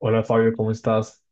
Hola Fabio, ¿cómo estás?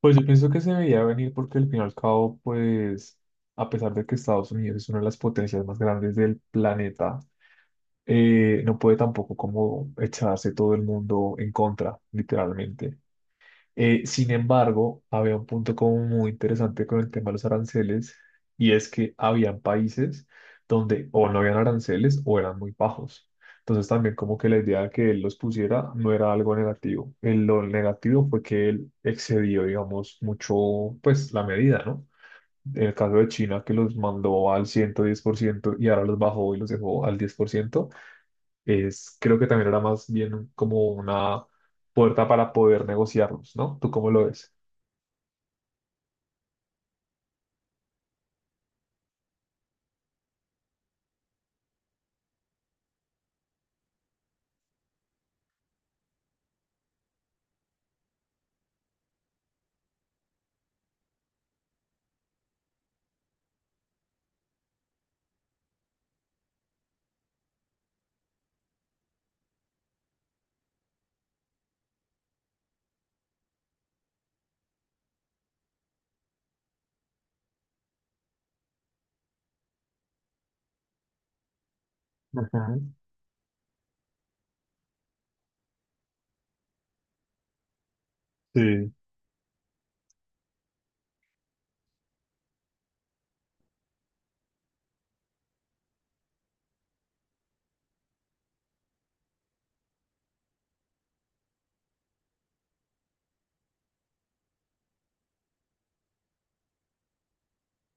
Pues yo pienso que se veía venir porque al fin y al cabo, pues a pesar de que Estados Unidos es una de las potencias más grandes del planeta, no puede tampoco como echarse todo el mundo en contra, literalmente. Sin embargo, había un punto como muy interesante con el tema de los aranceles y es que habían países donde o no habían aranceles o eran muy bajos. Entonces también como que la idea de que él los pusiera no era algo negativo. El- lo negativo fue que él excedió, digamos, mucho pues la medida, ¿no? En el caso de China que los mandó al 110% y ahora los bajó y los dejó al 10% es, creo que también era más bien como una puerta para poder negociarlos, ¿no? ¿Tú cómo lo ves? Ujú. Sí,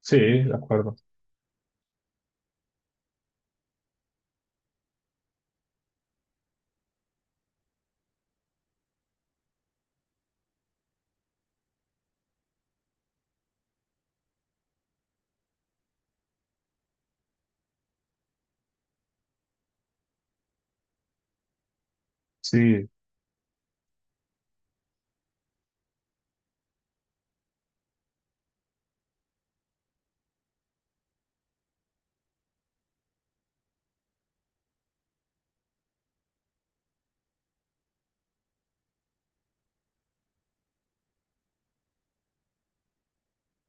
sí, de acuerdo. Sí.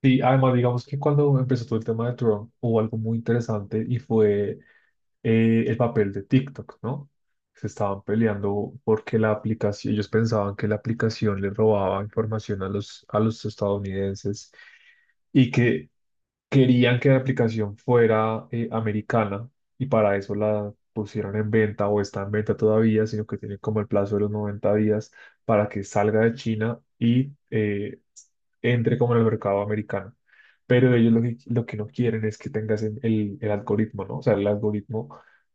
Y además, digamos que cuando empezó todo el tema de Trump hubo algo muy interesante y fue el papel de TikTok, ¿no? Se estaban peleando porque la aplicación, ellos pensaban que la aplicación le robaba información a los estadounidenses y que querían que la aplicación fuera americana y para eso la pusieron en venta o está en venta todavía, sino que tiene como el plazo de los 90 días para que salga de China y entre como en el mercado americano. Pero ellos lo que no quieren es que tengas el algoritmo, ¿no? O sea, el algoritmo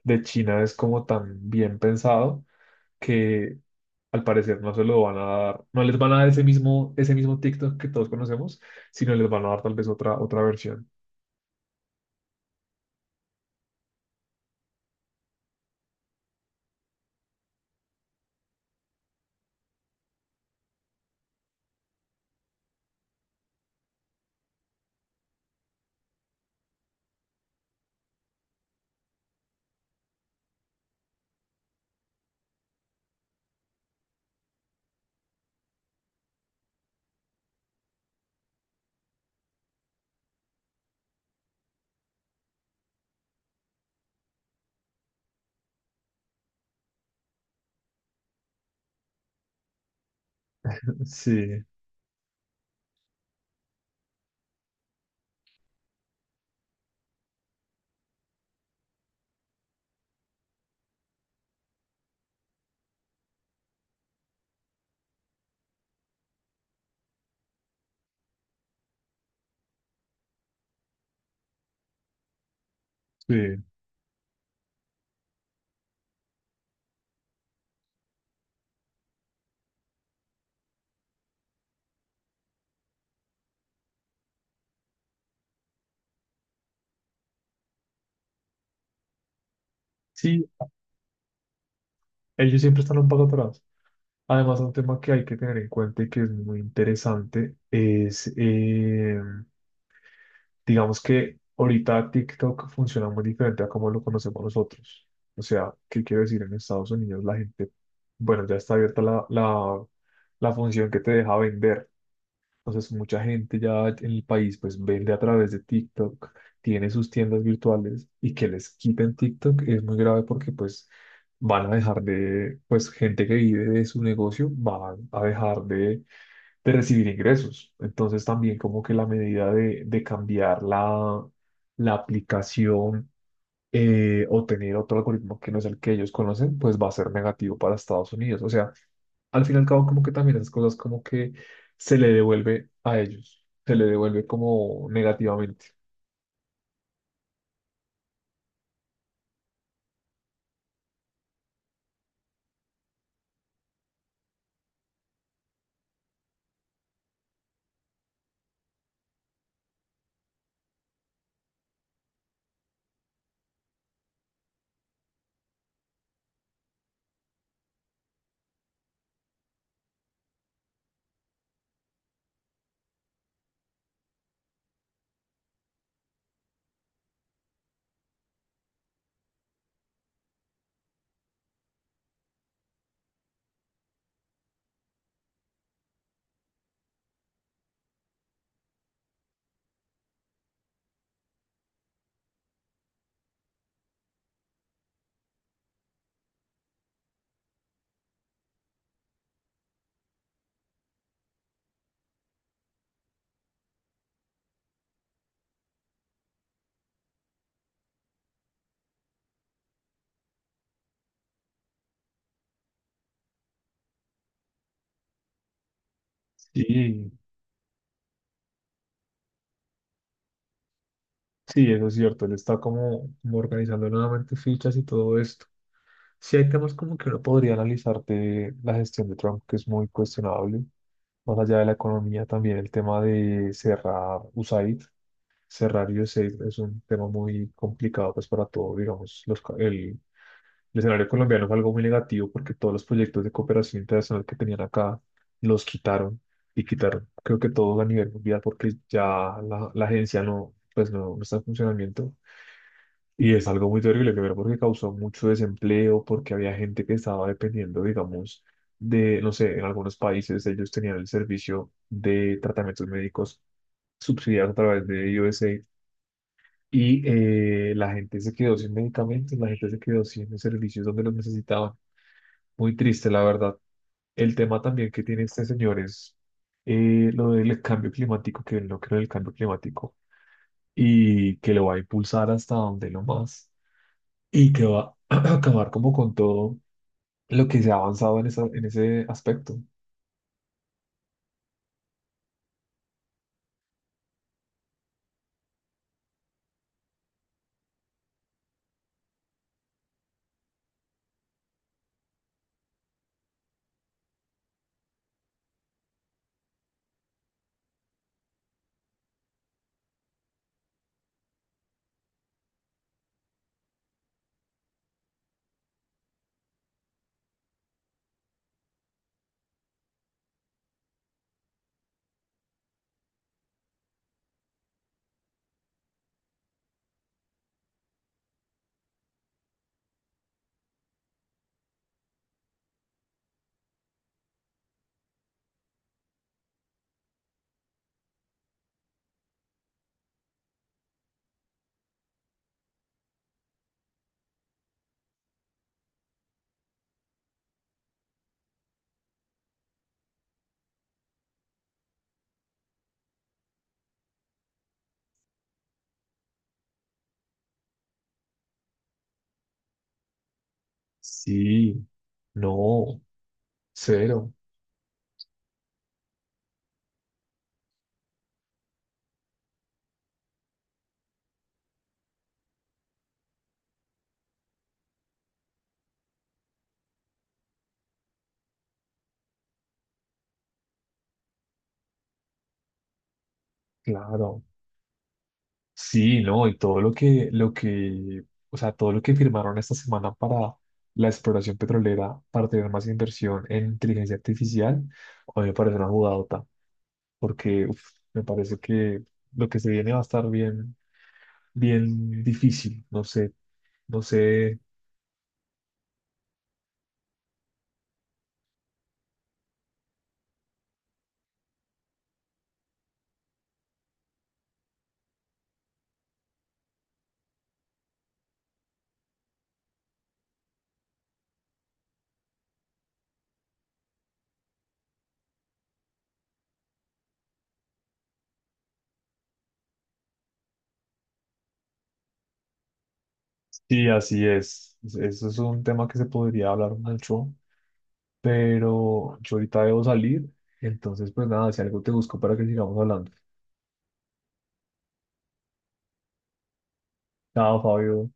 de China es como tan bien pensado que al parecer no se lo van a dar, no les van a dar ese mismo TikTok que todos conocemos, sino les van a dar tal vez otra versión. Sí, sí. Sí, ellos siempre están un poco atrás. Además, un tema que hay que tener en cuenta y que es muy interesante es, digamos que ahorita TikTok funciona muy diferente a como lo conocemos nosotros. O sea, ¿qué quiero decir? En Estados Unidos la gente, bueno, ya está abierta la función que te deja vender. Entonces, mucha gente ya en el país pues vende a través de TikTok, tiene sus tiendas virtuales y que les quiten TikTok es muy grave porque pues van a dejar de, pues gente que vive de su negocio va a dejar de recibir ingresos. Entonces, también como que la medida de cambiar la, la aplicación o tener otro algoritmo que no es el que ellos conocen, pues va a ser negativo para Estados Unidos. O sea, al fin y al cabo como que también esas cosas como que se le devuelve a ellos, se le devuelve como negativamente. Sí, sí, eso es cierto, él está como organizando nuevamente fichas y todo esto. Sí hay temas como que uno podría analizar de la gestión de Trump, que es muy cuestionable, más allá de la economía, también el tema de cerrar USAID. Cerrar USAID es un tema muy complicado pues para todo, digamos, el escenario colombiano fue algo muy negativo porque todos los proyectos de cooperación internacional que tenían acá los quitaron y quitaron, creo que todos a nivel mundial porque ya la agencia no está en funcionamiento. Y es algo muy terrible, primero porque causó mucho desempleo, porque había gente que estaba dependiendo, digamos, de, no sé, en algunos países ellos tenían el servicio de tratamientos médicos subsidiados a través de USAID y la gente se quedó sin medicamentos, la gente se quedó sin servicios donde los necesitaban. Muy triste, la verdad. El tema también que tiene este señor es lo del cambio climático, que él no cree en el cambio climático y que lo va a impulsar hasta donde lo más y que va a acabar como con todo lo que se ha avanzado en, en ese aspecto. Sí, no, cero, claro. Sí, no, y todo o sea, todo lo que firmaron esta semana para la exploración petrolera, para tener más inversión en inteligencia artificial, a mí me parece una jugadota, porque uf, me parece que lo que se viene va a estar bien, bien difícil, no sé, no sé, sí, así es. Es- eso es un tema que se podría hablar mucho, pero yo ahorita debo salir, entonces pues nada, si algo te busco para que sigamos hablando. Chao, Fabio.